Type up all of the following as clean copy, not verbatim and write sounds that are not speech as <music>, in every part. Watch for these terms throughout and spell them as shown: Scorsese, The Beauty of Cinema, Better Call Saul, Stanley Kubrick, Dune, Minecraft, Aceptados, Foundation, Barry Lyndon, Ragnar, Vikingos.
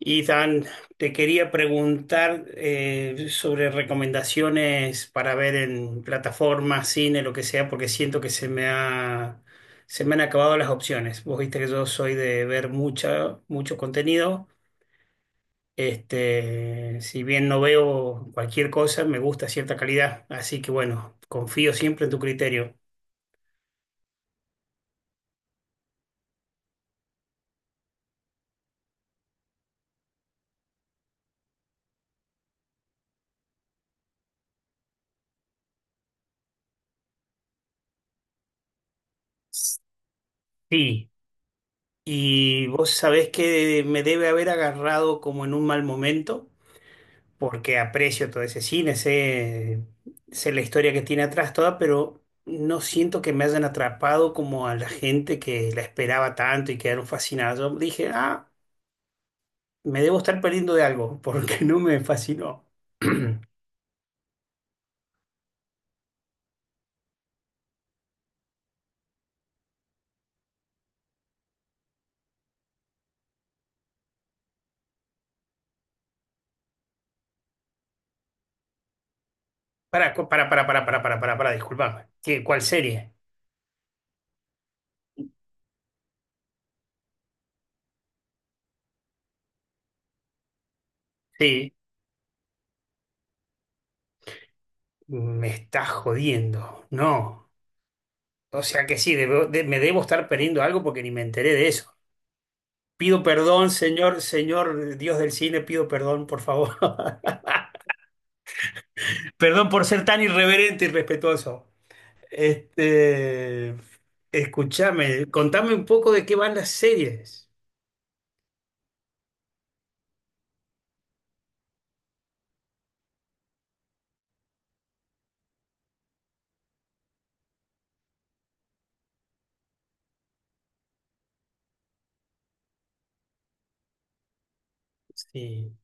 Ethan, te quería preguntar sobre recomendaciones para ver en plataformas, cine, lo que sea, porque siento que se me han acabado las opciones. Vos viste que yo soy de ver mucho contenido. Este, si bien no veo cualquier cosa, me gusta cierta calidad. Así que bueno, confío siempre en tu criterio. Sí. Y vos sabés que me debe haber agarrado como en un mal momento porque aprecio todo ese cine, sé la historia que tiene atrás toda, pero no siento que me hayan atrapado como a la gente que la esperaba tanto y quedaron fascinados. Yo dije, ah, me debo estar perdiendo de algo, porque <laughs> no me fascinó. <clears throat> Para, disculpame. ¿ ¿Cuál serie? Sí, me está jodiendo. No. O sea que sí, me debo estar perdiendo algo porque ni me enteré de eso. Pido perdón, señor Dios del cine, pido perdón, por favor. <laughs> Perdón por ser tan irreverente y respetuoso. Este, escúchame, contame un poco de qué van las series. Sí,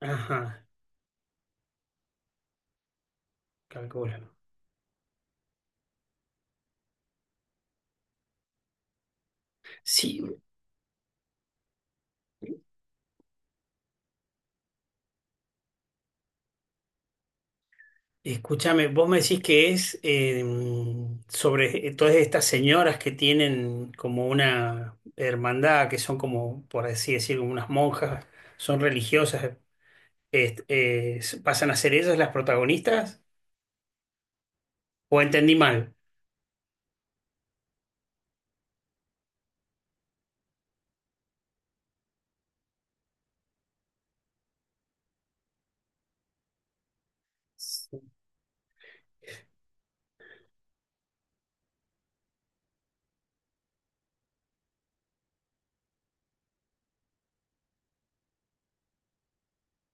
ajá, calculan. Sí, escúchame, vos me decís que es sobre todas estas señoras que tienen como una hermandad, que son como, por así decirlo, unas monjas, son religiosas, ¿pasan a ser ellas las protagonistas? ¿O entendí mal? Sí.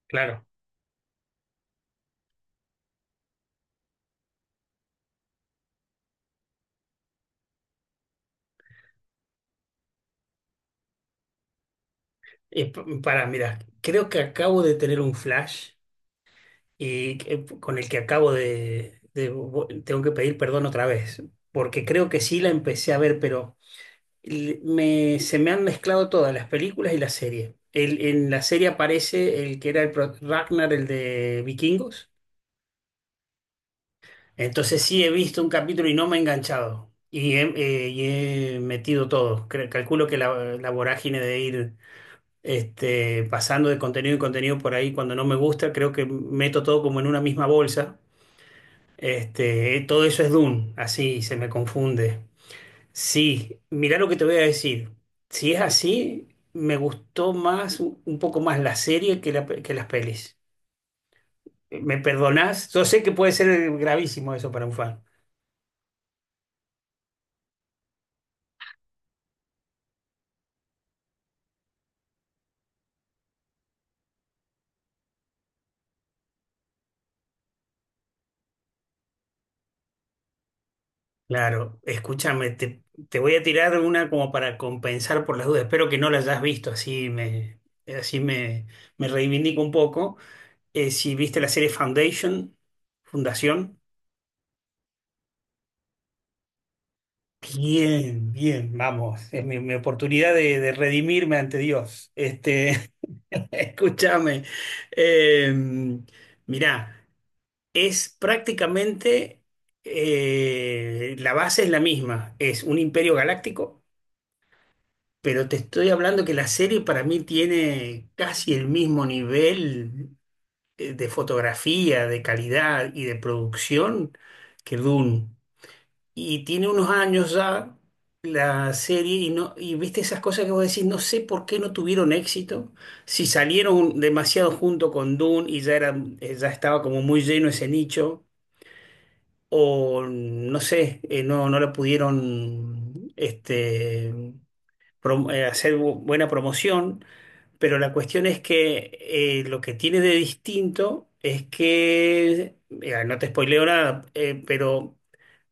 Claro. Para, mira, creo que acabo de tener un flash con el que acabo de tengo que pedir perdón otra vez, porque creo que sí la empecé a ver, pero se me han mezclado todas las películas y la serie. En la serie aparece el que era Ragnar, el de Vikingos. Entonces sí he visto un capítulo y no me he enganchado. Y he metido todo. Calculo que la vorágine de ir este, pasando de contenido en contenido por ahí cuando no me gusta, creo que meto todo como en una misma bolsa. Este, todo eso es Dune, así se me confunde. Sí, mirá lo que te voy a decir. Si es así, me gustó más, un poco más la serie que las pelis. ¿Me perdonás? Yo sé que puede ser gravísimo eso para un fan. Claro, escúchame, te voy a tirar una como para compensar por las dudas. Espero que no la hayas visto, así me, me reivindico un poco. Si viste la serie Foundation, Fundación, bien, bien, vamos, es mi oportunidad de redimirme ante Dios. Este, <laughs> escúchame, eh, mirá, es prácticamente, la base es la misma, es un imperio galáctico, pero te estoy hablando que la serie para mí tiene casi el mismo nivel de fotografía, de calidad y de producción que Dune. Y tiene unos años ya la serie y no y viste esas cosas que vos decís, no sé por qué no tuvieron éxito, si salieron demasiado junto con Dune y ya era, ya estaba como muy lleno ese nicho, o no sé, no la pudieron este, hacer buena promoción, pero la cuestión es que lo que tiene de distinto es que, no te spoileo nada, pero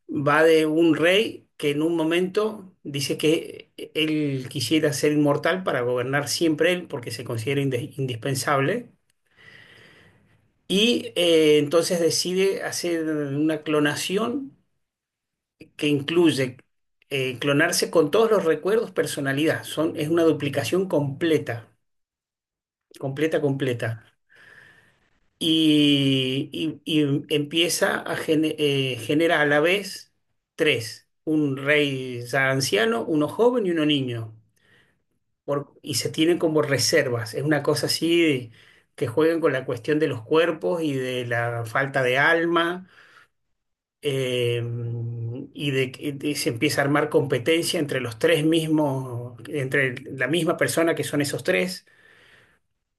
va de un rey que en un momento dice que él quisiera ser inmortal para gobernar siempre él porque se considera indispensable y entonces decide hacer una clonación que incluye clonarse con todos los recuerdos, personalidad. Es una duplicación completa, completa, completa. Y empieza a genera a la vez tres, un rey ya anciano, uno joven y uno niño. Y se tienen como reservas. Es una cosa así que juegan con la cuestión de los cuerpos y de la falta de alma eh, y de que se empieza a armar competencia entre los tres mismos, entre la misma persona que son esos tres.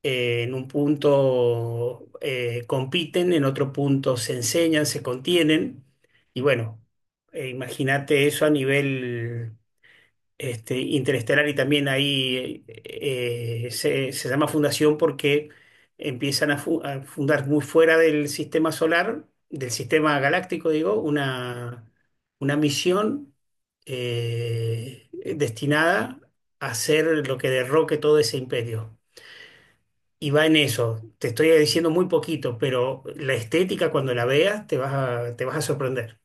En un punto compiten, en otro punto se enseñan, se contienen. Y bueno, imagínate eso a nivel este, Interestelar y también ahí se llama fundación porque empiezan a fundar muy fuera del sistema solar, del sistema galáctico, digo, una misión eh, destinada a hacer lo que derroque todo ese imperio. Y va en eso. Te estoy diciendo muy poquito, pero la estética cuando la veas te vas a sorprender.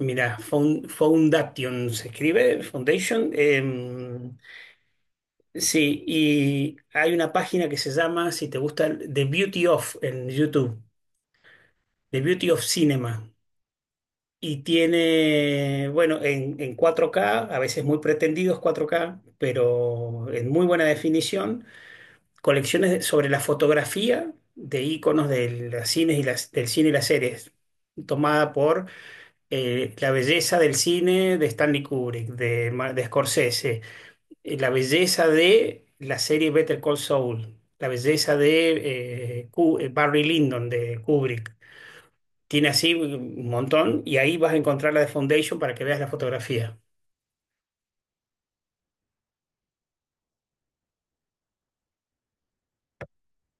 Mira, Foundation se escribe, Foundation. Em, sí, y hay una página que se llama, si te gusta, The Beauty of en YouTube, The Beauty of Cinema. Y tiene, bueno, en 4K a veces muy pretendidos 4K pero en muy buena definición, colecciones sobre la fotografía de íconos cines del cine y las series, tomada por la belleza del cine de Stanley Kubrick, de Scorsese, la belleza de la serie Better Call Saul, la belleza de Barry Lyndon de Kubrick. Tiene así un montón y ahí vas a encontrar la de Foundation para que veas la fotografía.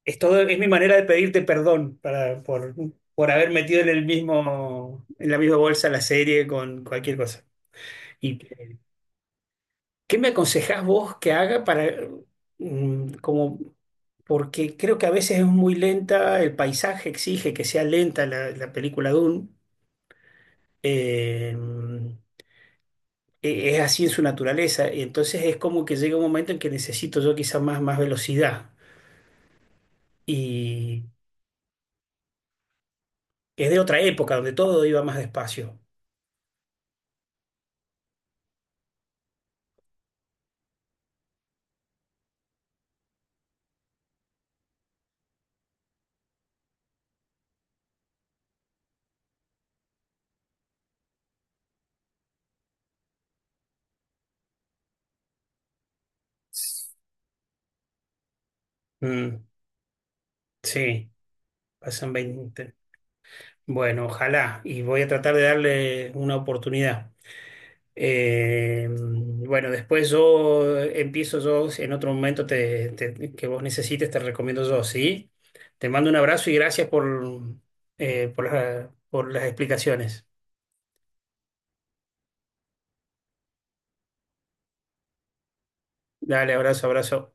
Es todo, es mi manera de pedirte perdón por haber metido en el mismo, en la misma bolsa la serie con cualquier cosa. ¿Y qué me aconsejás vos que haga para, mm, como porque creo que a veces es muy lenta, el paisaje exige que sea lenta la película Dune? Eh, es así en su naturaleza. Y entonces es como que llega un momento en que necesito yo quizás más velocidad. Y es de otra época donde todo iba más despacio. Mm, sí, pasan veinte. Bueno, ojalá. Y voy a tratar de darle una oportunidad. Bueno, después yo empiezo yo, si en otro momento que vos necesites, te recomiendo yo, ¿sí? Te mando un abrazo y gracias por por las explicaciones. Dale, abrazo, abrazo.